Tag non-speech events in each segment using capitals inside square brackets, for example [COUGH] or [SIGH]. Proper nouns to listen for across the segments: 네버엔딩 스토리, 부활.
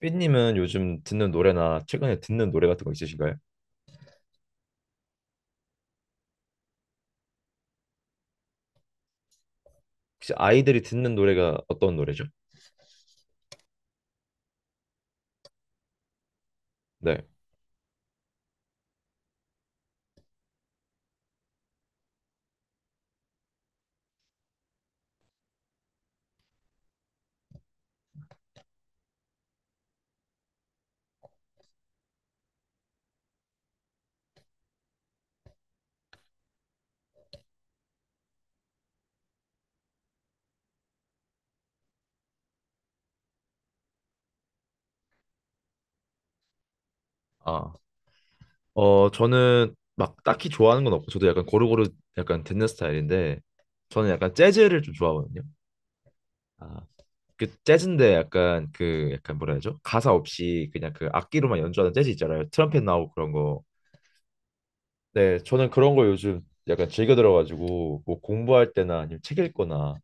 삐님은 요즘 듣는 노래나 최근에 듣는 노래 같은 거 있으신가요? 혹시 아이들이 듣는 노래가 어떤 노래죠? 네. 아, 저는 막 딱히 좋아하는 건 없고, 저도 약간 고루고루 약간 듣는 스타일인데, 저는 약간 재즈를 좀 좋아하거든요. 아, 그 재즈인데 약간 그 약간 뭐라 해야죠? 가사 없이 그냥 그 악기로만 연주하는 재즈 있잖아요. 트럼펫 나오고 그런 거. 네, 저는 그런 거 요즘 약간 즐겨 들어가지고, 뭐 공부할 때나 아니면 책 읽거나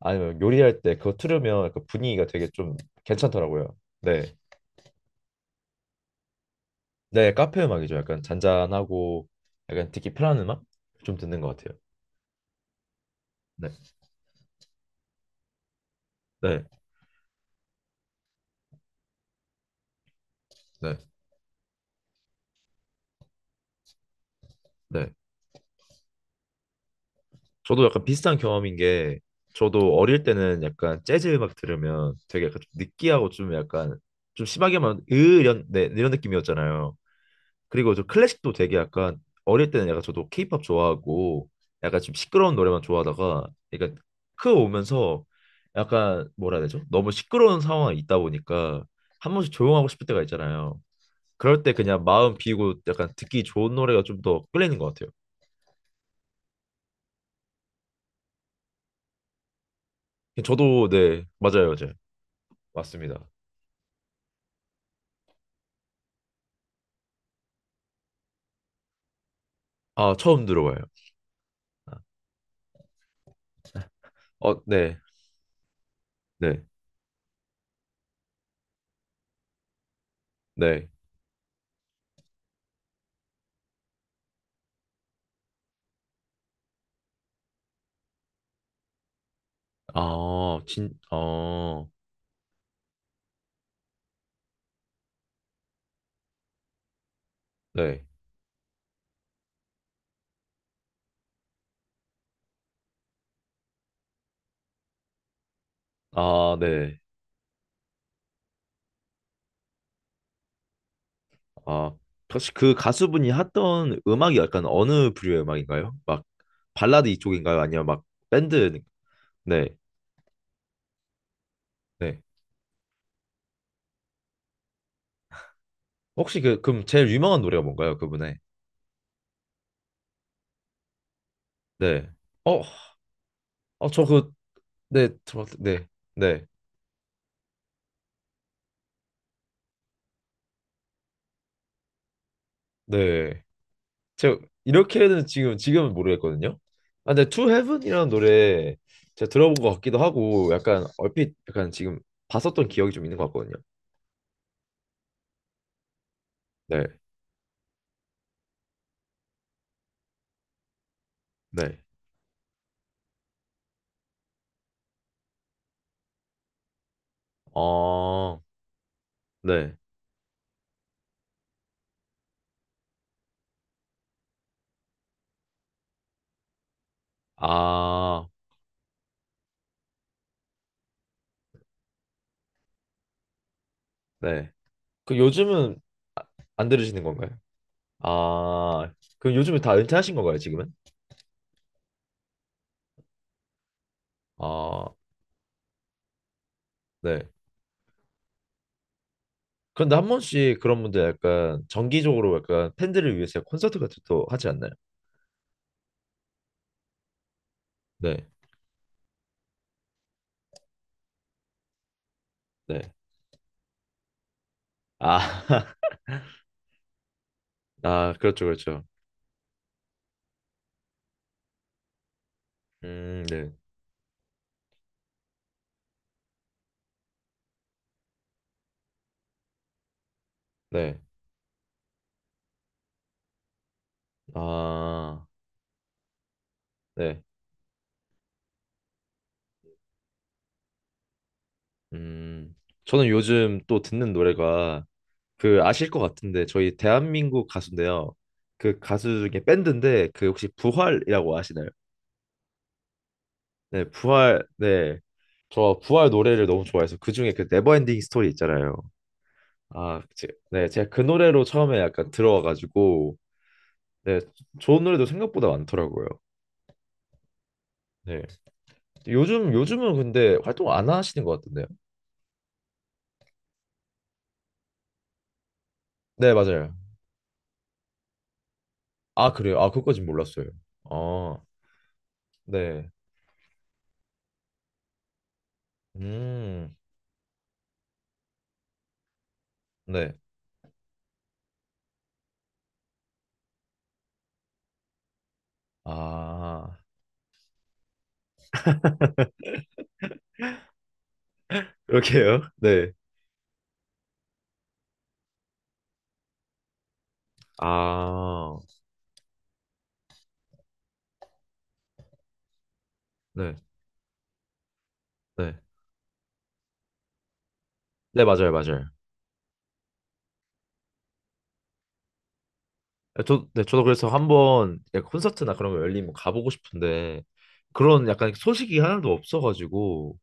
아니면 요리할 때 그거 틀으면 그 분위기가 되게 좀 괜찮더라고요. 네. 네, 카페 음악이죠. 약간 잔잔하고 약간 듣기 편한 음악 좀 듣는 것 같아요. 네. 네. 네. 네. 저도 약간 비슷한 경험인 게 저도 어릴 때는 약간 재즈 음악 들으면 되게 약간 좀 느끼하고 좀 약간 좀 심하게만 으 이런 네, 이런 느낌이었잖아요. 그리고 저 클래식도 되게 약간 어릴 때는 약간 저도 케이팝 좋아하고 약간 좀 시끄러운 노래만 좋아하다가 그러니까 크 오면서 약간 뭐라 해야 되죠? 너무 시끄러운 상황이 있다 보니까 한 번씩 조용하고 싶을 때가 있잖아요. 그럴 때 그냥 마음 비우고 약간 듣기 좋은 노래가 좀 더 끌리는 것 같아요. 저도 네 맞아요, 맞아요. 맞습니다. 아 처음 들어봐요. 아, 어, 네, 네, 네. 아, 어, 네. 아, 네. 아, 혹시 그 가수분이 했던 음악이 약간 어느 부류의 음악인가요? 막 발라드 이쪽인가요? 아니면 막 밴드? 네, 네. 혹시 그럼 제일 유명한 노래가 뭔가요? 그분의? 네. 어, 어, 저 그, 네, 네, 네, 네. 제가 이렇게는 지금은 모르겠거든요. 아, 근데 To Heaven이라는 노래 제가 들어본 것 같기도 하고 약간 얼핏 약간 지금 봤었던 기억이 좀 있는 것 같거든요. 네, 네. 어, 네. 아, 네. 그 요즘은 아- 안 들으시는 건가요? 아, 그럼 요즘에 다 은퇴하신 건가요, 지금은? 아, 네. 그런데 한 번씩 그런 분들 약간 정기적으로 약간 팬들을 위해서 콘서트 같은 것도 하지 않나요? 네, 네. 아, [LAUGHS] 아, 그렇죠, 그렇죠. 네, 네. 아, 네. 음, 저는 요즘 또 듣는 노래가 그 아실 것 같은데 저희 대한민국 가수인데요. 그 가수 중에 밴드인데 그 혹시 부활이라고 아시나요? 네, 부활, 네. 저 부활 노래를 너무 좋아해서 그중에 그 네버엔딩 스토리 있잖아요. 아, 네, 제가 그 노래로 처음에 약간 들어와가지고 네, 좋은 노래도 생각보다 많더라고요. 네. 요즘은 근데 활동 안 하시는 것 같은데요? 네, 맞아요. 아, 그래요? 아, 그것까진 몰랐어요. 아, 네. 음, 네. 아, 이렇게요? 네. 아, 네, 네. 네, 맞아요, 맞아요. 아, 네, 저도 그래서 한번 약간 콘서트나 그런 거 열리면 가보고 싶은데 그런 약간 소식이 하나도 없어가지고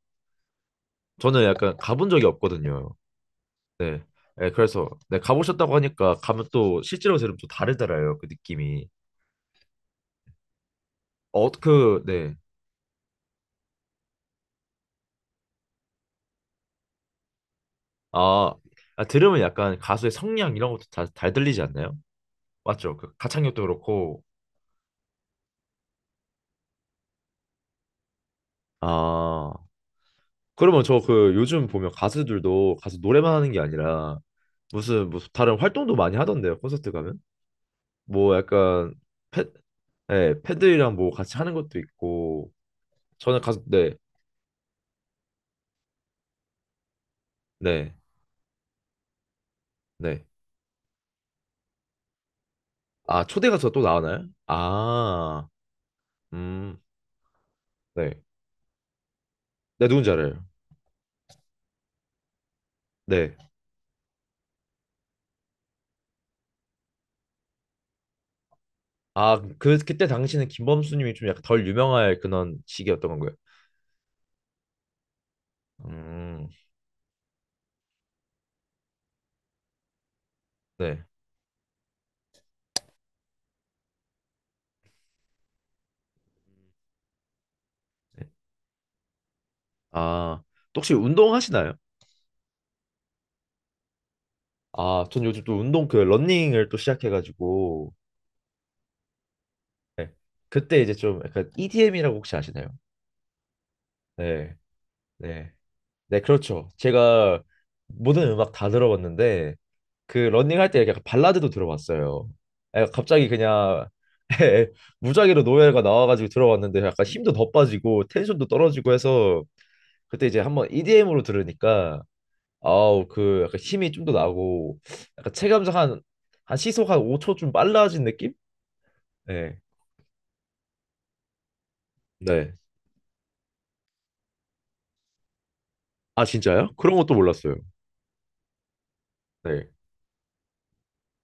저는 약간 가본 적이 없거든요. 네, 네, 그래서 네, 가보셨다고 하니까 가면 또 실제로 들으면 또 다르더라고요. 그 느낌이. 어, 그, 네. 아, 아, 들으면 약간 가수의 성량 이런 것도 다, 잘 들리지 않나요? 맞죠? 그 가창력도 그렇고. 아, 그러면 저 그 요즘 보면 가수들도 가수 노래만 하는 게 아니라 무슨 무슨 다른 활동도 많이 하던데요. 콘서트 가면? 뭐 약간 패, 네, 패들이랑 뭐 같이 하는 것도 있고 저는 가서 네, 네, 네. 아 초대 가서 또 나오나요? 아, 음, 네. 네 누군지 알아요. 네. 아 그 그때 당시는 김범수님이 좀 약간 덜 유명할 그런 시기였던 건가요? 음, 네. 네. 아 또 혹시 운동하시나요? 아 전 요즘 또 운동 그 러닝을 또 시작해가지고 네. 그때 이제 좀 약간 EDM이라고 혹시 아시나요? 네, 네. 네, 그렇죠. 제가 모든 음악 다 들어봤는데 그 러닝할 때 약간 발라드도 들어봤어요. 아, 갑자기 그냥 [LAUGHS] 무작위로 노래가 나와가지고 들어봤는데 약간 힘도 더 빠지고 텐션도 떨어지고 해서 그때 이제 한번 EDM으로 들으니까 아우 그 약간 힘이 좀 더 나고 약간 체감상 한 시속 한 5초 좀 빨라진 느낌? 네. 네. 아 진짜요? 그런 것도 몰랐어요. 네.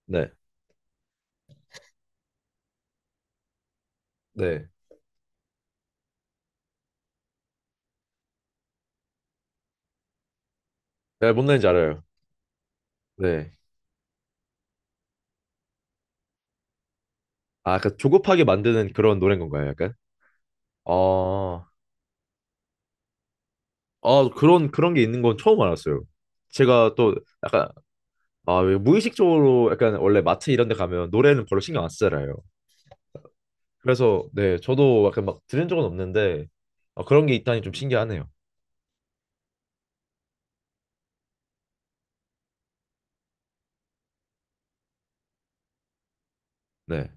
네. 네. 네, 뭔 말인지 알아요. 네. 아, 그 조급하게 만드는 그런 노래인 건가요, 약간? 아, 아 그런 게 있는 건 처음 알았어요. 제가 또 약간 아, 왜 무의식적으로 약간 원래 마트 이런 데 가면 노래는 별로 신경 안 쓰잖아요. 그래서 네, 저도 약간 막 들은 적은 없는데 아, 그런 게 있다니 좀 신기하네요. 네.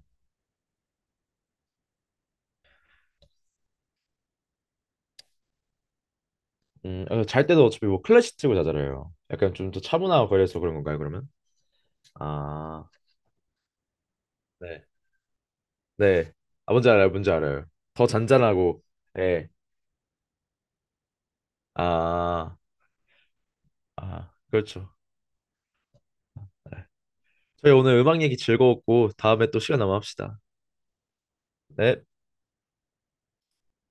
아, 잘 때도 어차피 뭐 클래식 틀고 자잖아요. 약간 좀 더 차분하고 그래서 그런 건가요, 그러면? 아, 네. 네. 아, 뭔지 알아요, 뭔지 알아요. 더 잔잔하고, 예. 아, 아, 그렇죠. 네. 저희 오늘 음악 얘기 즐거웠고 다음에 또 시간 남아 합시다. 네.